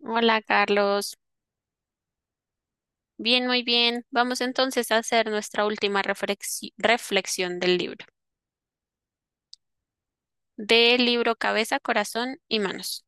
Hola, Carlos. Bien, muy bien. Vamos entonces a hacer nuestra última reflexión del libro. Del libro Cabeza, Corazón y Manos.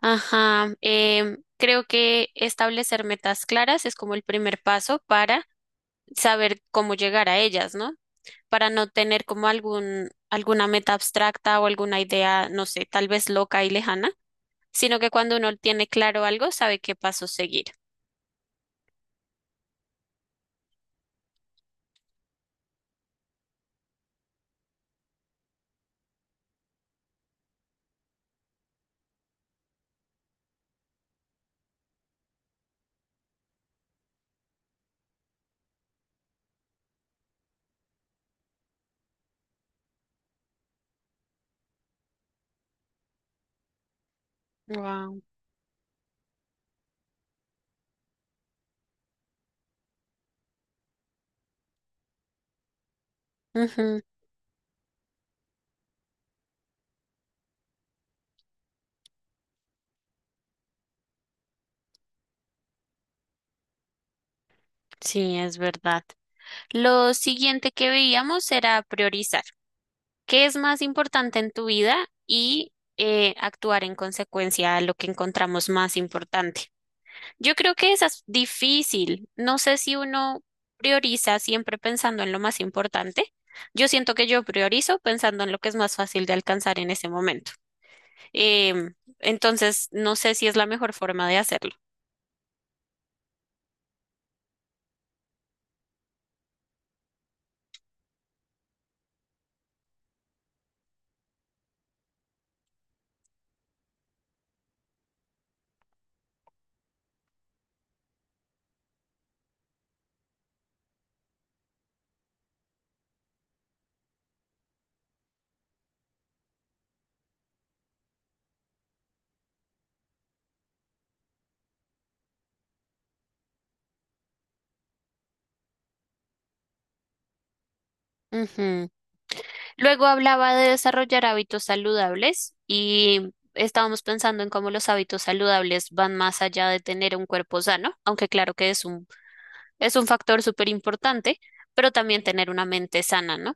Ajá. Creo que establecer metas claras es como el primer paso para saber cómo llegar a ellas, ¿no? Para no tener como alguna meta abstracta o alguna idea, no sé, tal vez loca y lejana, sino que cuando uno tiene claro algo, sabe qué paso seguir. Wow. Sí, es verdad. Lo siguiente que veíamos era priorizar. ¿Qué es más importante en tu vida y actuar en consecuencia a lo que encontramos más importante? Yo creo que esa es difícil. No sé si uno prioriza siempre pensando en lo más importante. Yo siento que yo priorizo pensando en lo que es más fácil de alcanzar en ese momento. Em, entonces, no sé si es la mejor forma de hacerlo. Ujú. Luego hablaba de desarrollar hábitos saludables y estábamos pensando en cómo los hábitos saludables van más allá de tener un cuerpo sano, aunque claro que es un factor súper importante, pero también tener una mente sana, ¿no?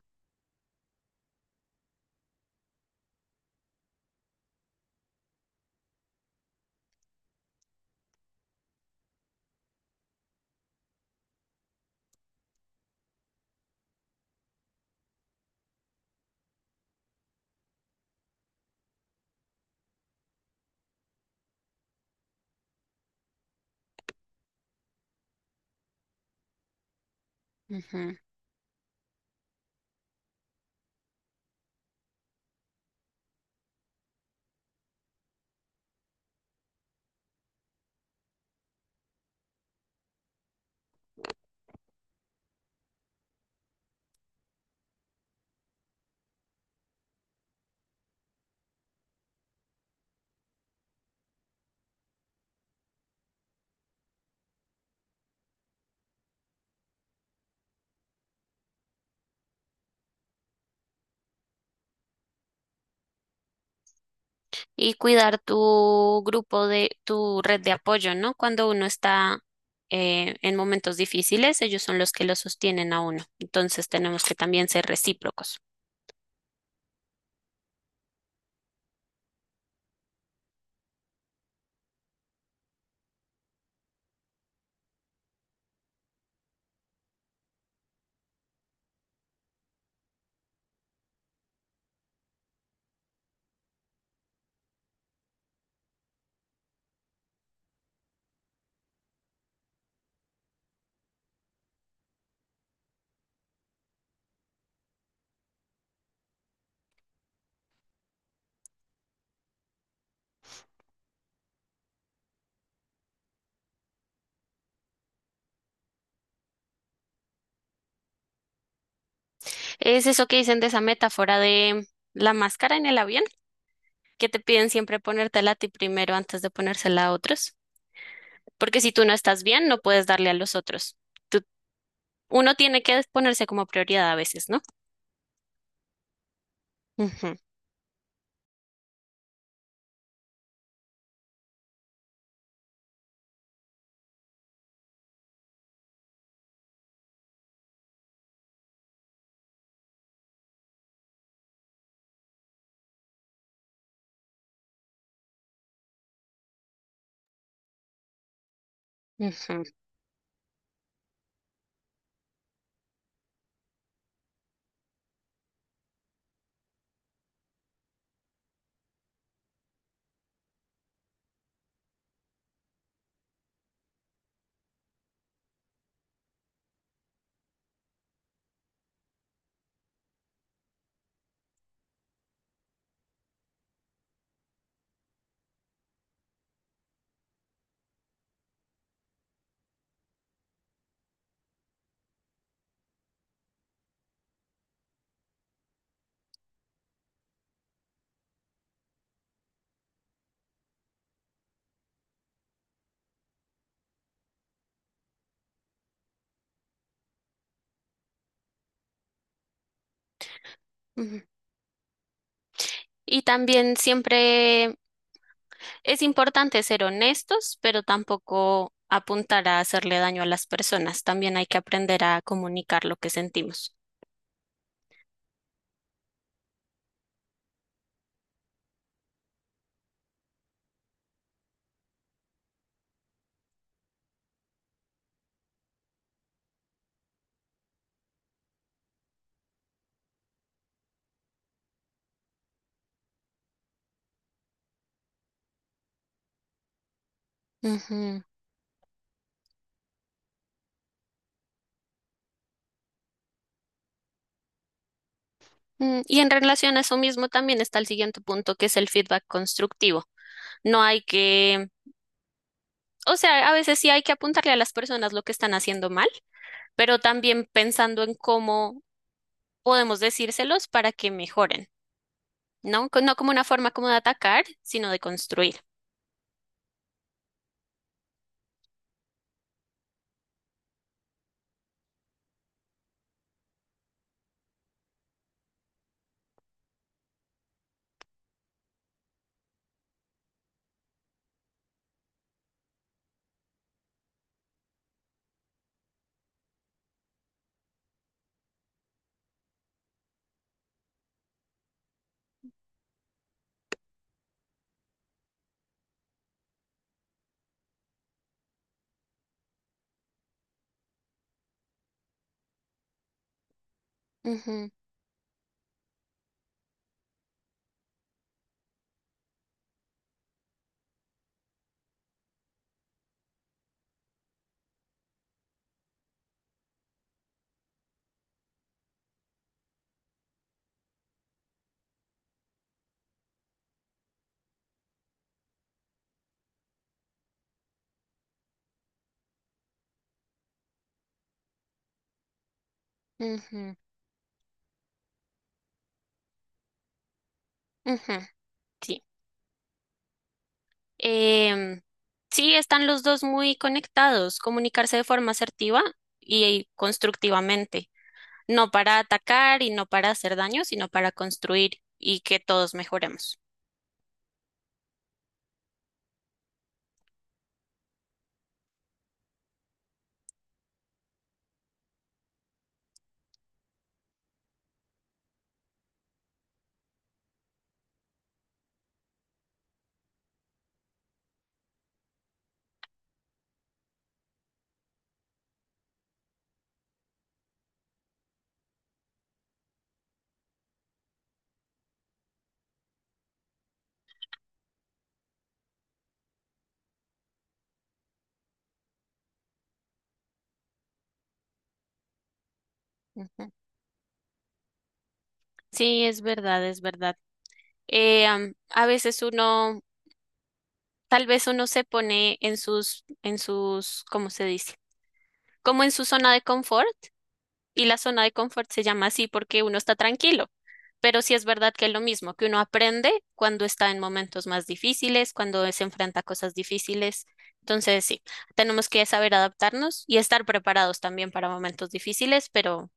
Ujú. Y cuidar tu grupo de tu red de apoyo, ¿no? Cuando uno está en momentos difíciles, ellos son los que lo sostienen a uno. Entonces tenemos que también ser recíprocos. Es eso que dicen de esa metáfora de la máscara en el avión, que te piden siempre ponértela a ti primero antes de ponérsela a otros, porque si tú no estás bien, no puedes darle a los otros. Tú- Uno tiene que ponerse como prioridad a veces, ¿no? Ujú, ujú, ujú. Y también siempre es importante ser honestos, pero tampoco apuntar a hacerle daño a las personas. También hay que aprender a comunicar lo que sentimos. Ujú. Mm, y en relación a eso mismo también está el siguiente punto, que es el feedback constructivo. No hay que, o sea, a veces sí hay que apuntarle a las personas lo que están haciendo mal, pero también pensando en cómo podemos decírselos para que mejoren. No como una forma como de atacar, sino de construir. Ujú, ujú, ujú, sí. Em, sí, están los dos muy conectados, comunicarse de forma asertiva y constructivamente, no para atacar y no para hacer daño, sino para construir y que todos mejoremos. Ujú. Sí, es verdad, es verdad. A veces uno, tal vez uno se pone en sus, ¿cómo se dice? Como en su zona de confort y la zona de confort se llama así porque uno está tranquilo, pero sí es verdad que es lo mismo, que uno aprende cuando está en momentos más difíciles, cuando se enfrenta a cosas difíciles. Entonces, sí, tenemos que saber adaptarnos y estar preparados también para momentos difíciles, pero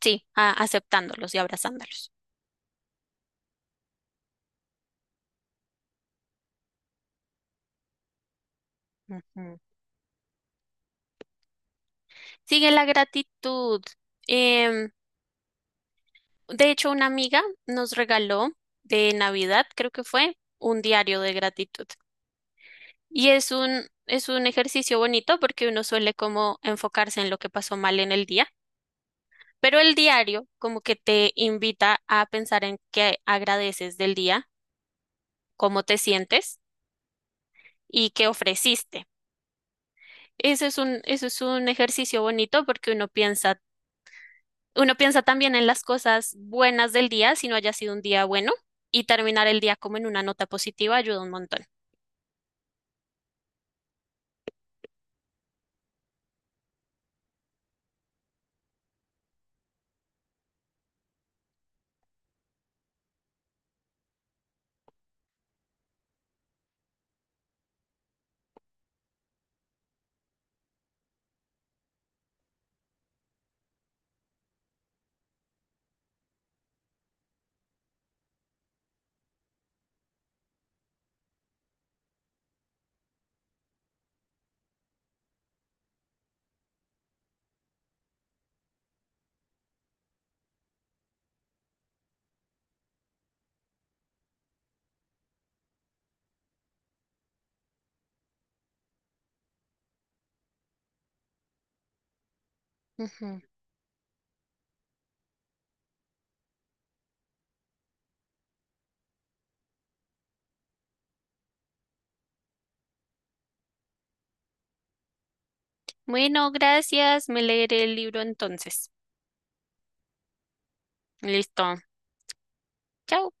sí, aceptándolos y abrazándolos. Ujú. Sigue la gratitud. Em, de hecho, una amiga nos regaló de Navidad, creo que fue, un diario de gratitud. Y es un ejercicio bonito porque uno suele como enfocarse en lo que pasó mal en el día, pero el diario como que te invita a pensar en qué agradeces del día, cómo te sientes y qué ofreciste. Eso es un ejercicio bonito porque uno piensa también en las cosas buenas del día, si no haya sido un día bueno, y terminar el día como en una nota positiva ayuda un montón. Ujú. Bueno, gracias. Me leeré el libro entonces. Listo. Chao.